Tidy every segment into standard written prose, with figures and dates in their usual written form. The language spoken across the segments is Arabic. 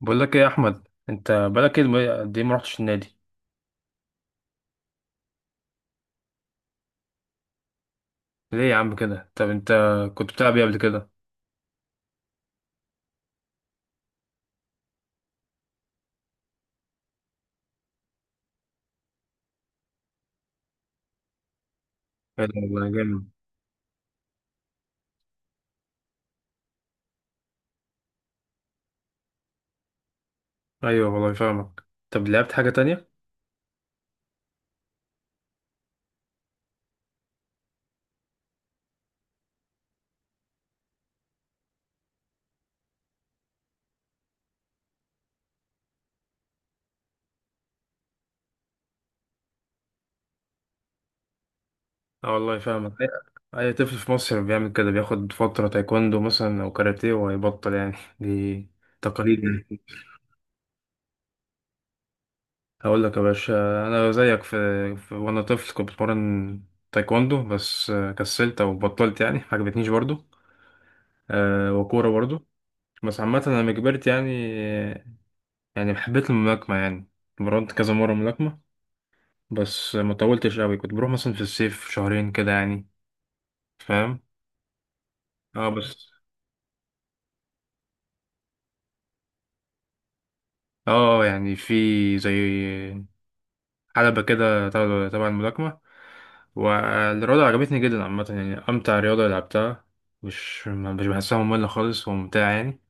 بقول لك ايه يا احمد، انت بقالك ايه قد ايه ما رحتش النادي؟ ليه يا عم كده؟ طب انت كنت بتلعب ايه قبل كده؟ ايه ده والله جامد. ايوه والله فاهمك. طب لعبت حاجه تانية؟ اه والله فاهمك. اي أي طفل في مصر بيعمل كده، بياخد فتره تايكوندو مثلا او كاراتيه وهيبطل يعني دي تقاليد يعني. هقول لك يا باشا، انا زيك في وانا طفل كنت بتمرن تايكوندو، بس كسلت او بطلت يعني، ما عجبتنيش برضو. أه وكوره برضو. بس عامة أنا لما كبرت يعني حبيت الملاكمة يعني. اتمرنت كذا مرة ملاكمة، بس ما طولتش قوي، كنت بروح مثلا في الصيف شهرين كده يعني، فاهم. اه بس. اه يعني في زي حلبة كده تبع الملاكمة. والرياضة عجبتني جدا عامة يعني، أمتع رياضة لعبتها، مش بحسها مملة خالص، وممتعة يعني،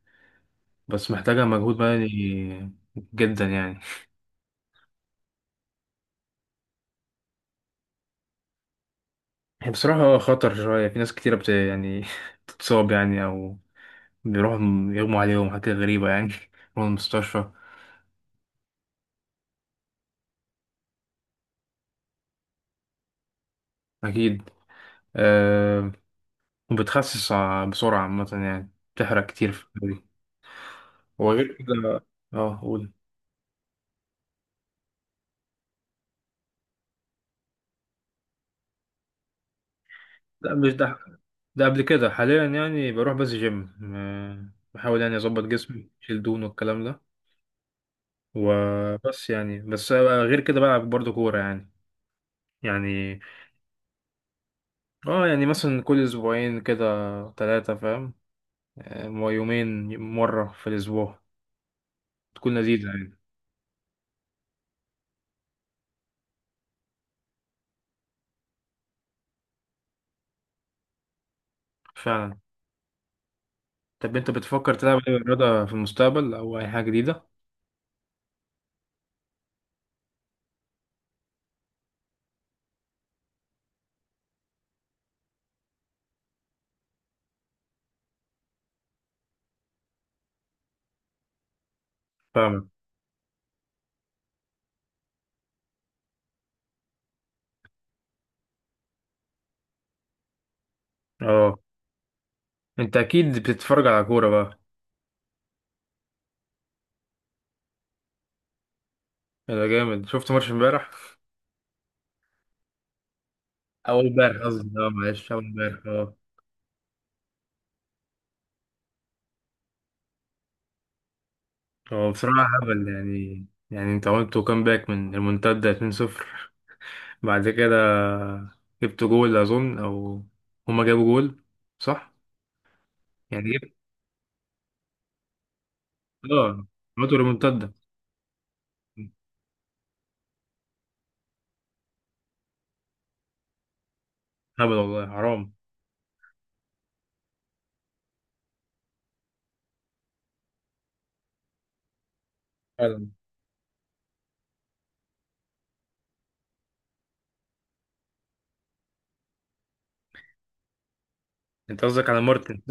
بس محتاجة مجهود بدني جدا يعني. هي بصراحة خطر شوية، في ناس كتيرة بت يعني تتصاب يعني، أو يغموا عليهم حاجات غريبة يعني يروحوا المستشفى. أكيد. أه، وبتخسس بسرعة عامة يعني، بتحرق كتير في الدوري، وغير كده. اه قول. لا مش ده قبل كده. حاليا يعني بروح بس جيم، بحاول يعني أظبط جسمي، أشيل دهون والكلام ده، وبس يعني. بس غير كده بلعب برضه كورة يعني. يعني اه يعني مثلا كل أسبوعين كده، ثلاثة، فاهم، يومين مرة في الأسبوع، تكون لذيذة يعني. فعلا. طب انت بتفكر تلعب اي رياضة في المستقبل او اي حاجة جديدة؟ فاهمك. اه انت اكيد بتتفرج على كورة بقى. ده جامد، شفت ماتش امبارح؟ اول امبارح قصدي، اه معلش، اول امبارح، اه. هو بصراحة هبل يعني، يعني انت عملتوا كام باك من المنتدى، 2-0. بعد كده جبت جول اظن، او هما جابوا جول صح؟ يعني جبت. اه عملتوا ريمونتادا. هبل والله، حرام. فعلا. انت قصدك على مارتن؟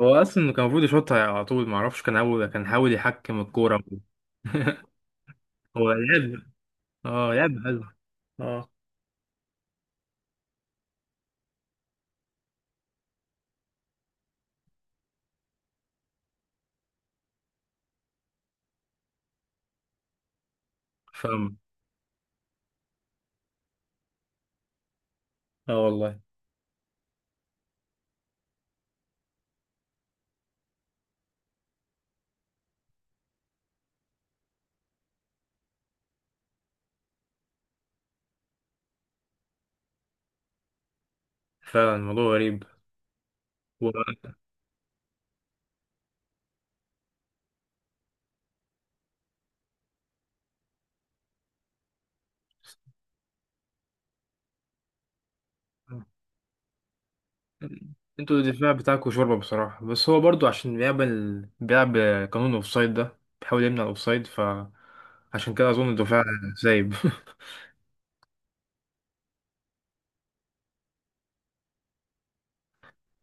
هو اصلا كان المفروض يشوطها على طول، ما اعرفش، كان اول كان حاول يحكم الكوره. هو لعب، اه لعب حلو. اه فاهم. اه والله. فعلا الموضوع غريب. و... انتوا الدفاع بتاعكوا شوربه بصراحه، بس هو برضو عشان بيعمل، بيلعب قانون الاوفسايد ده، بيحاول يمنع الاوفسايد، ف عشان كده اظن الدفاع سايب.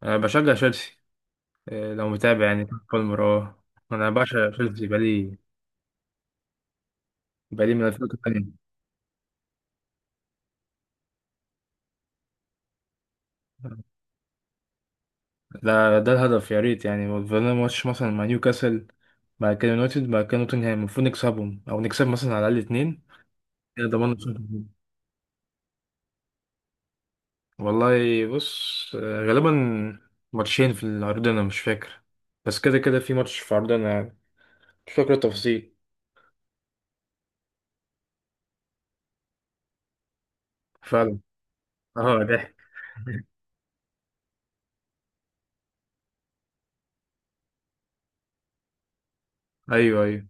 انا بشجع تشيلسي، لو متابع يعني. بالمر، اه. انا بعشق تشيلسي بقالي من 2008. ده الهدف، يا ريت يعني. فضلنا ماتش مثلا مع نيوكاسل، بعد كده يونايتد، بعد كده نوتنهام، المفروض نكسبهم او نكسب مثلا على الاقل اتنين، كده ضمننا الشامبيونز ليج. والله بص، غالبا ماتشين في العرضنا، مش فاكر، بس كده كده في ماتش في عرضنا يعني، مش فاكر التفاصيل. فعلا. اه ده. ايوه ايوه.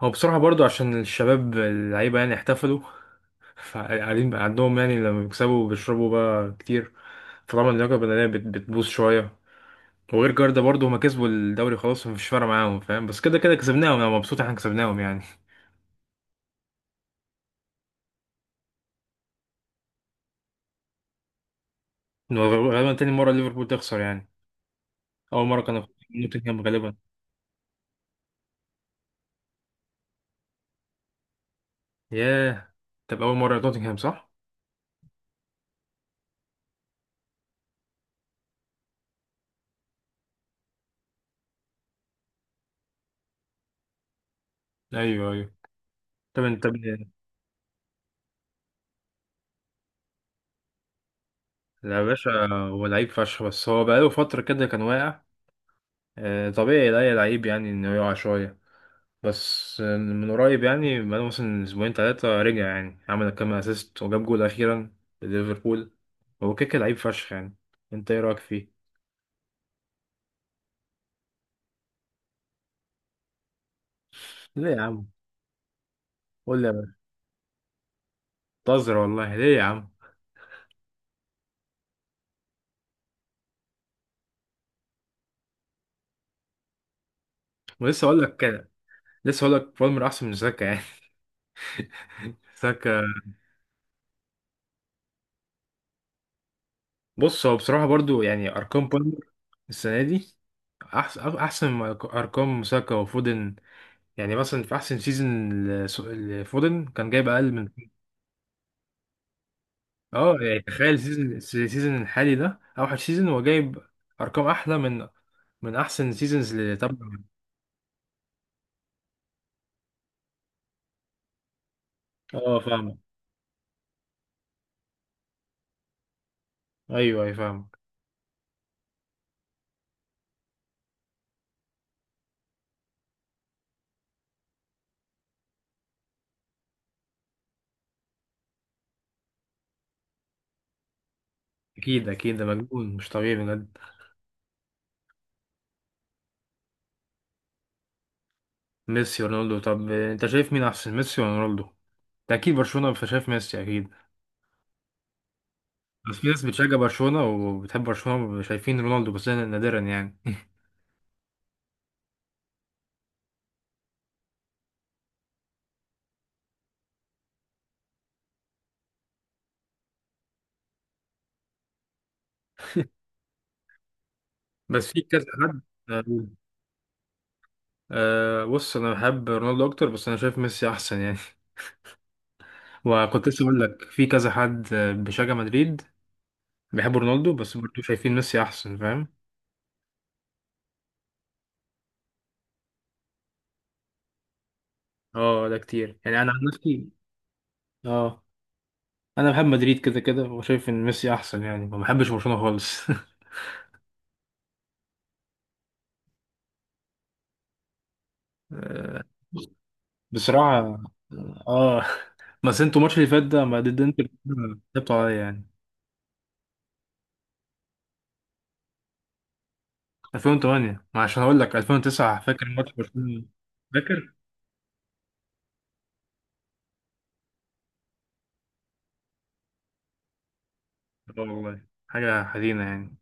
هو بصراحة برضو عشان الشباب اللعيبة يعني احتفلوا، فقاعدين بقى عندهم، يعني لما بيكسبوا بيشربوا بقى كتير، فطبعا اللياقة البدنية بتبوظ شوية. وغير جاردا برضه هما كسبوا الدوري خلاص، مفيش فارق معاهم فاهم، بس كده كده كسبناهم، انا مبسوط إن احنا كسبناهم يعني. غالبا تاني مرة ليفربول تخسر يعني، أول مرة كانوا خسروا نوتنغهام غالبا. ياه. طب أول مرة نوتنغهام صح؟ أيوه أيوه. طب أنت لا يا باشا. هو لعيب فشخ، بس هو بقاله فترة كده كان واقع، طبيعي لا يا لعيب يعني إنه يقع شوية، بس من قريب يعني بقاله مثلا أسبوعين تلاتة رجع يعني، عمل كام أسيست وجاب جول أخيرا لليفربول. هو كيكة لعيب فشخ يعني. أنت إيه رأيك فيه؟ ليه يا عم؟ قول لي يا باشا. بتهزر والله، ليه يا عم؟ ولسه اقول لك كده. لسه اقول لك بالمر احسن من ساكا يعني. ساكا. بص هو بصراحه برضو، يعني ارقام بالمر السنه دي احسن، احسن من ارقام ساكا وفودن يعني. مثلا في احسن سيزون لفودن كان جايب اقل من... اه يعني تخيل، السيزون الحالي ده اوحش سيزون هو جايب ارقام احلى من احسن سيزونز اللي تبع. اه فاهمك. ايوه ايوه فاهمك. اكيد اكيد، ده مجنون، مش طبيعي بجد. ميسي رونالدو، طب انت شايف مين احسن، ميسي ولا رونالدو؟ انت اكيد برشلونة فشايف ميسي اكيد. بس في ناس بتشجع برشلونة وبتحب برشلونة شايفين رونالدو، بس ده نادرا يعني. بس في كذا حد. آه، بص انا بحب رونالدو اكتر، بس انا شايف ميسي احسن يعني. وكنت لسه اقول لك في كذا حد بيشجع مدريد، بيحب رونالدو بس برضه شايفين ميسي احسن، فاهم. اه ده كتير، يعني انا عن نفسي. اه انا بحب مدريد كده كده وشايف ان ميسي احسن يعني، ما بحبش برشلونة خالص. بصراحة اه، بس انتوا الماتش اللي فات ده ما ضد انتوا، كسبتوا عليا يعني. 2008، ما عشان اقول لك 2009 فاكر ماتش برشلونة؟ فاكر؟ اه والله، حاجة حزينة يعني.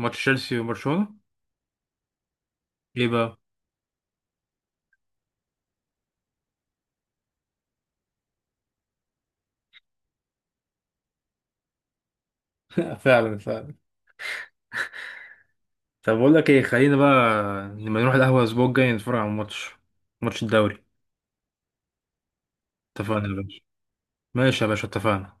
ماتش تشيلسي وبرشلونة، ايه بقى؟ فعلا فعلا. طب بقول لك ايه، خلينا بقى لما نروح القهوة الاسبوع الجاي نتفرج على الماتش، ماتش الدوري. اتفقنا يا باشا. ماشي يا باشا، اتفقنا.